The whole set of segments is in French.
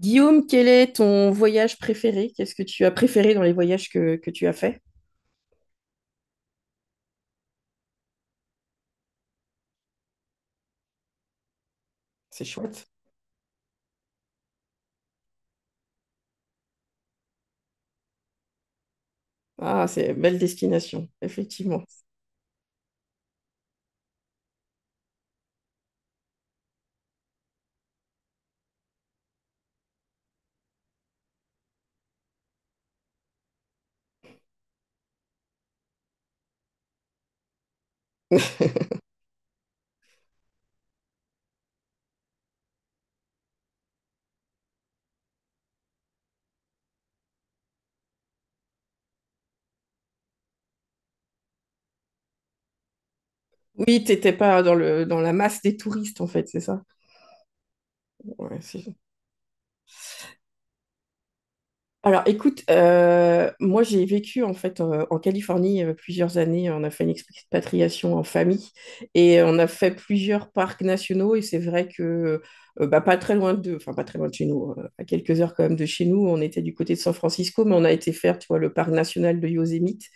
Guillaume, quel est ton voyage préféré? Qu'est-ce que tu as préféré dans les voyages que tu as fait? C'est chouette. Ah, c'est belle destination, effectivement. Oui, t'étais pas dans le dans la masse des touristes en fait, c'est ça? Ouais, c'est- Alors, écoute, moi j'ai vécu en fait en Californie plusieurs années. On a fait une expatriation en famille et on a fait plusieurs parcs nationaux. Et c'est vrai que bah, pas très loin de, enfin pas très loin de chez nous, à quelques heures quand même de chez nous. On était du côté de San Francisco, mais on a été faire, tu vois, le parc national de Yosemite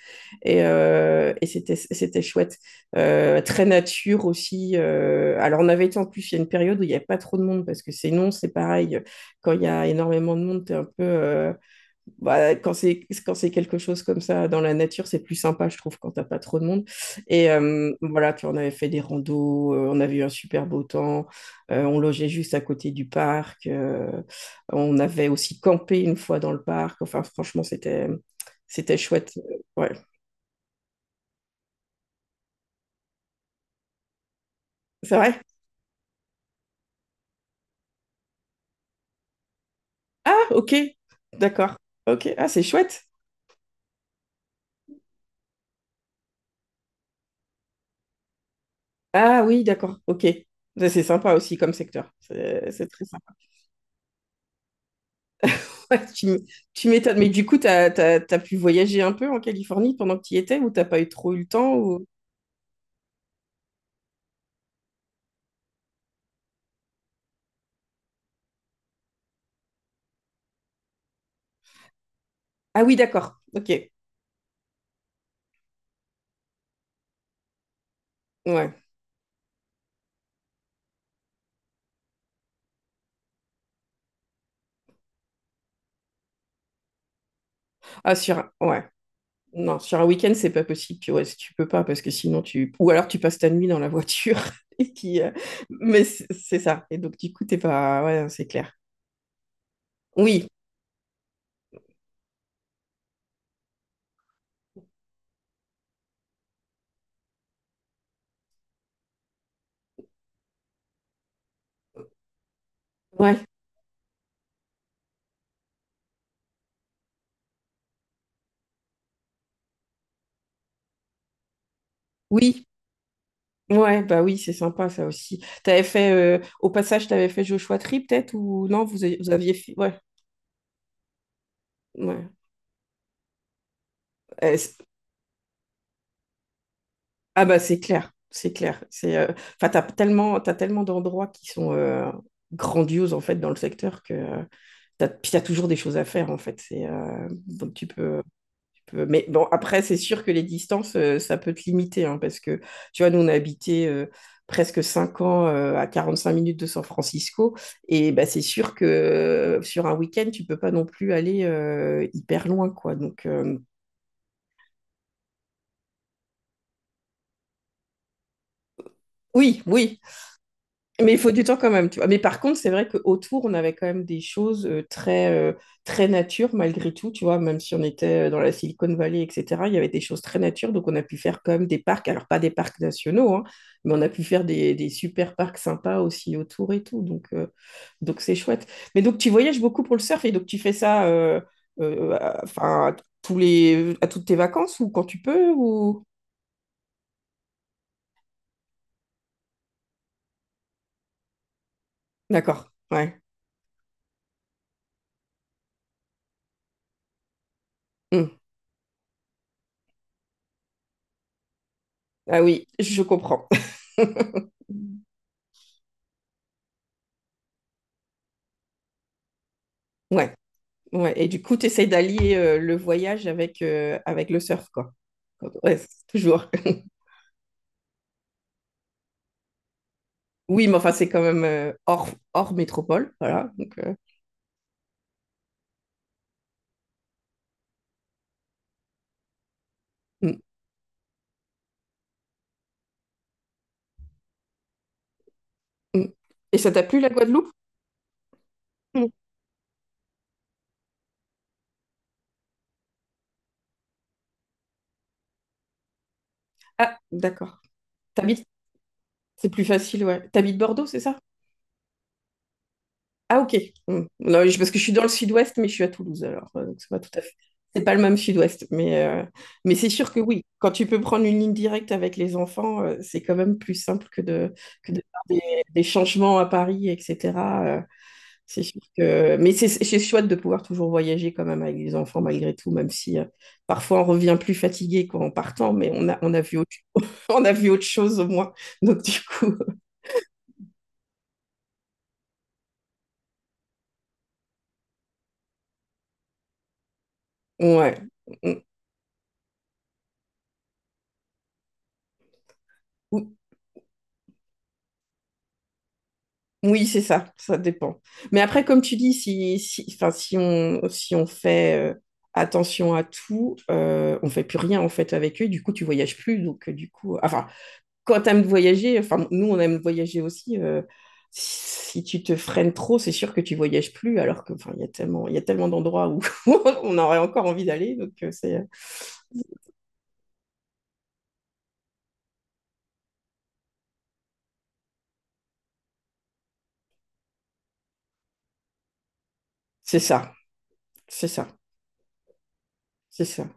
et c'était chouette. Très nature aussi. Alors on avait été en plus il y a une période où il n'y avait pas trop de monde, parce que sinon c'est pareil quand il y a énormément de monde, t'es un peu, bah, quand c'est quelque chose comme ça dans la nature, c'est plus sympa, je trouve, quand t'as pas trop de monde. Et voilà, puis on avait fait des randos, on avait eu un super beau temps, on logeait juste à côté du parc, on avait aussi campé une fois dans le parc. Enfin, franchement, c'était chouette. Ouais, c'est vrai. Ah, ok, d'accord. Ok, ah, c'est chouette. Ah oui, d'accord, ok. Ça, c'est sympa aussi comme secteur. C'est très Ouais, tu m- tu m'étonnes. Mais du coup, t'as pu voyager un peu en Californie pendant que tu y étais, ou t'as pas eu trop eu le temps ou... Ah oui, d'accord. Ok. Ouais. Ah, sur un... Ouais. Non, sur un week-end, c'est pas possible. Puis ouais, si tu peux pas, parce que sinon tu... Ou alors tu passes ta nuit dans la voiture. Et puis, mais c'est ça. Et donc, du coup, t'es pas... Ouais, c'est clair. Oui. Ouais. Oui. Ouais, bah oui, c'est sympa ça aussi. T'avais fait... Au passage, t'avais fait Joshua Tree peut-être, ou non, vous aviez fait... Ouais. Ouais. Euh, Ah bah c'est clair, c'est clair. C'est, enfin, t'as tellement d'endroits qui sont grandioses en fait dans le secteur, que t'as, puis t'as toujours des choses à faire en fait. C'est, donc mais bon, après c'est sûr que les distances, ça peut te limiter hein, parce que tu vois, nous on a habité presque 5 ans à 45 minutes de San Francisco, et bah c'est sûr que sur un week-end tu peux pas non plus aller hyper loin quoi. Donc oui, oui, mais il faut du temps quand même, tu vois. Mais par contre, c'est vrai qu'autour, on avait quand même des choses très, très nature malgré tout, tu vois. Même si on était dans la Silicon Valley, etc., il y avait des choses très nature. Donc, on a pu faire quand même des parcs. Alors, pas des parcs nationaux, hein, mais on a pu faire des super parcs sympas aussi autour et tout. Donc c'est chouette. Mais donc, tu voyages beaucoup pour le surf, et donc tu fais ça enfin, à toutes tes vacances, ou quand tu peux, ou... D'accord, ouais. Hmm. Ah oui, je comprends. Ouais. Ouais, et du coup, tu essaies d'allier le voyage avec, avec le surf, quoi. Ouais, c'est toujours. Oui, mais enfin, c'est quand même hors métropole, voilà. Donc, mm, mm. Et ça t'a plu, la Guadeloupe? Mm. Ah, d'accord. T'habites, c'est plus facile, ouais. T'habites Bordeaux, c'est ça? Ah, ok. Hmm. Non, je- Parce que je suis dans le sud-ouest, mais je suis à Toulouse, alors. Donc, c'est pas tout à fait. C'est pas le même sud-ouest, mais c'est sûr que oui. Quand tu peux prendre une ligne directe avec les enfants, c'est quand même plus simple que de faire des changements à Paris, etc. euh, c'est sûr que... Mais c'est chouette de pouvoir toujours voyager quand même avec les enfants, malgré tout, même si parfois on revient plus fatigué qu'en partant, mais on a vu autre... on a vu autre chose au moins. Donc, du coup, ouais. Mm. Oui, c'est ça, ça dépend. Mais après, comme tu dis, si, si, enfin, si on fait attention à tout, on fait plus rien en fait avec eux, du coup, tu voyages plus. Donc, du coup, enfin, quand tu aimes voyager, enfin, nous, on aime voyager aussi. Si tu te freines trop, c'est sûr que tu voyages plus, alors que, enfin, il y a tellement d'endroits où on aurait encore envie d'aller. Donc, c'est ça, c'est ça, c'est ça.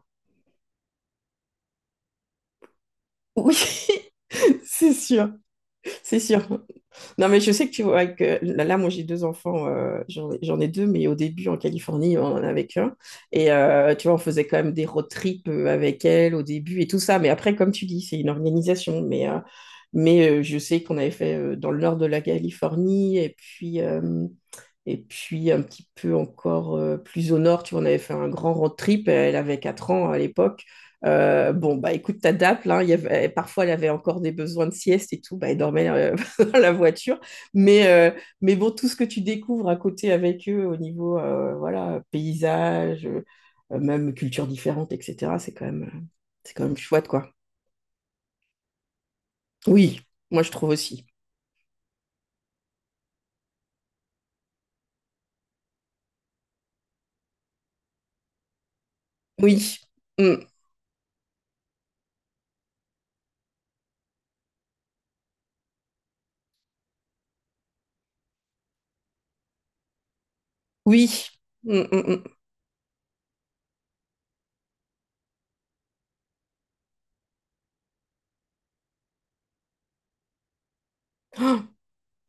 Oui, c'est sûr, c'est sûr. Non, mais je sais que tu vois que là, moi j'ai deux enfants, j'en ai deux, mais au début en Californie, on en avait qu'un. Et tu vois, on faisait quand même des road trips avec elle au début et tout ça. Mais après, comme tu dis, c'est une organisation. Mais je sais qu'on avait fait dans le nord de la Californie, et puis un petit peu encore plus au nord, tu vois, on avait fait un grand road trip. Elle avait 4 ans à l'époque. Bon, bah écoute, t'adaptes, là, il y avait, parfois elle avait encore des besoins de sieste et tout, bah elle dormait dans la voiture. Mais, euh, mais bon, tout ce que tu découvres à côté avec eux au niveau voilà, paysage, même culture différente, etc., c'est quand même chouette, quoi. Oui, moi je trouve aussi. Oui, mm. Oui. Mm, mm, mm.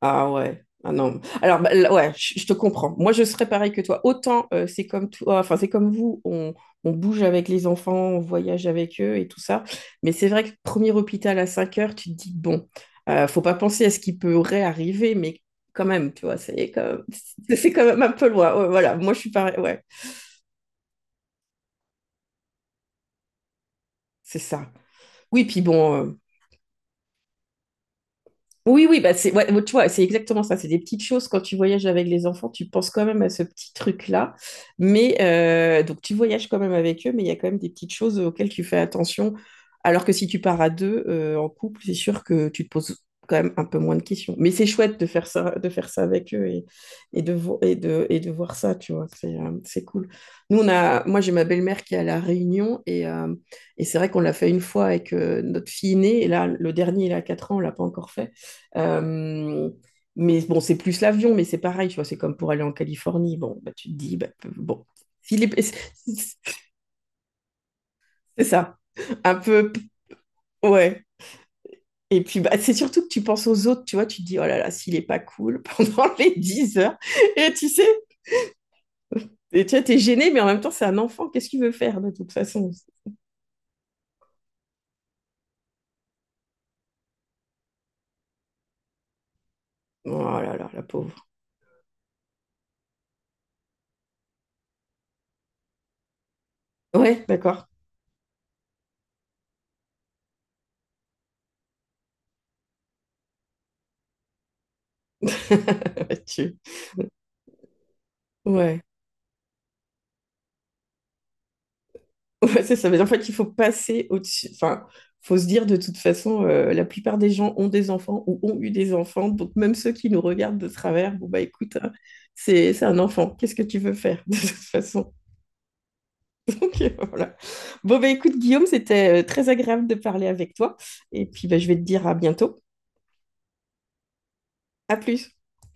Ah ouais, ah non. Alors bah, là, ouais, je te comprends. Moi, je serais pareil que toi. Autant c'est comme toi, enfin c'est comme vous, on bouge avec les enfants, on voyage avec eux et tout ça. Mais c'est vrai que premier hôpital à 5 heures, tu te dis bon, faut pas penser à ce qui pourrait arriver, mais quand même, tu vois, c'est quand même, c'est quand même un peu loin. Ouais, voilà, moi je suis pareil. Ouais, c'est ça. Oui, puis bon. Oui, oui, bah c'est, ouais, tu vois, c'est exactement ça. C'est des petites choses. Quand tu voyages avec les enfants, tu penses quand même à ce petit truc-là. Mais donc, tu voyages quand même avec eux, mais il y a quand même des petites choses auxquelles tu fais attention. Alors que si tu pars à deux en couple, c'est sûr que tu te poses quand même un peu moins de questions. Mais c'est chouette de faire ça avec eux, et de, vo- et de voir ça, tu vois. C'est cool. Nous, moi, j'ai ma belle-mère qui est à La Réunion, et c'est vrai qu'on l'a fait une fois avec notre fille aînée. Et là, le dernier, il a 4 ans, on l'a pas encore fait. Euh, mais bon, c'est plus l'avion, mais c'est pareil, tu vois, c'est comme pour aller en Californie. Bon, bah, tu te dis, bah, bon, s'il est- c'est ça, un peu, ouais. Et puis, bah, c'est surtout que tu penses aux autres, tu vois, tu te dis, oh là là, s'il est pas cool pendant les 10 heures. Et tu sais, et tu vois, t'es gêné, mais en même temps, c'est un enfant, qu'est-ce qu'il veut faire de toute façon? Oh là là, la pauvre. Ouais, d'accord. Tu- Ouais. Ouais, c'est ça. Mais en fait, il faut passer au-dessus. Enfin, faut se dire de toute façon, la plupart des gens ont des enfants ou ont eu des enfants. Donc, même ceux qui nous regardent de travers, bon, bah écoute, hein, c'est un enfant. Qu'est-ce que tu veux faire de toute façon? Donc, voilà. Bon, bah écoute, Guillaume, c'était très agréable de parler avec toi. Et puis, bah, je vais te dire à bientôt. À plus.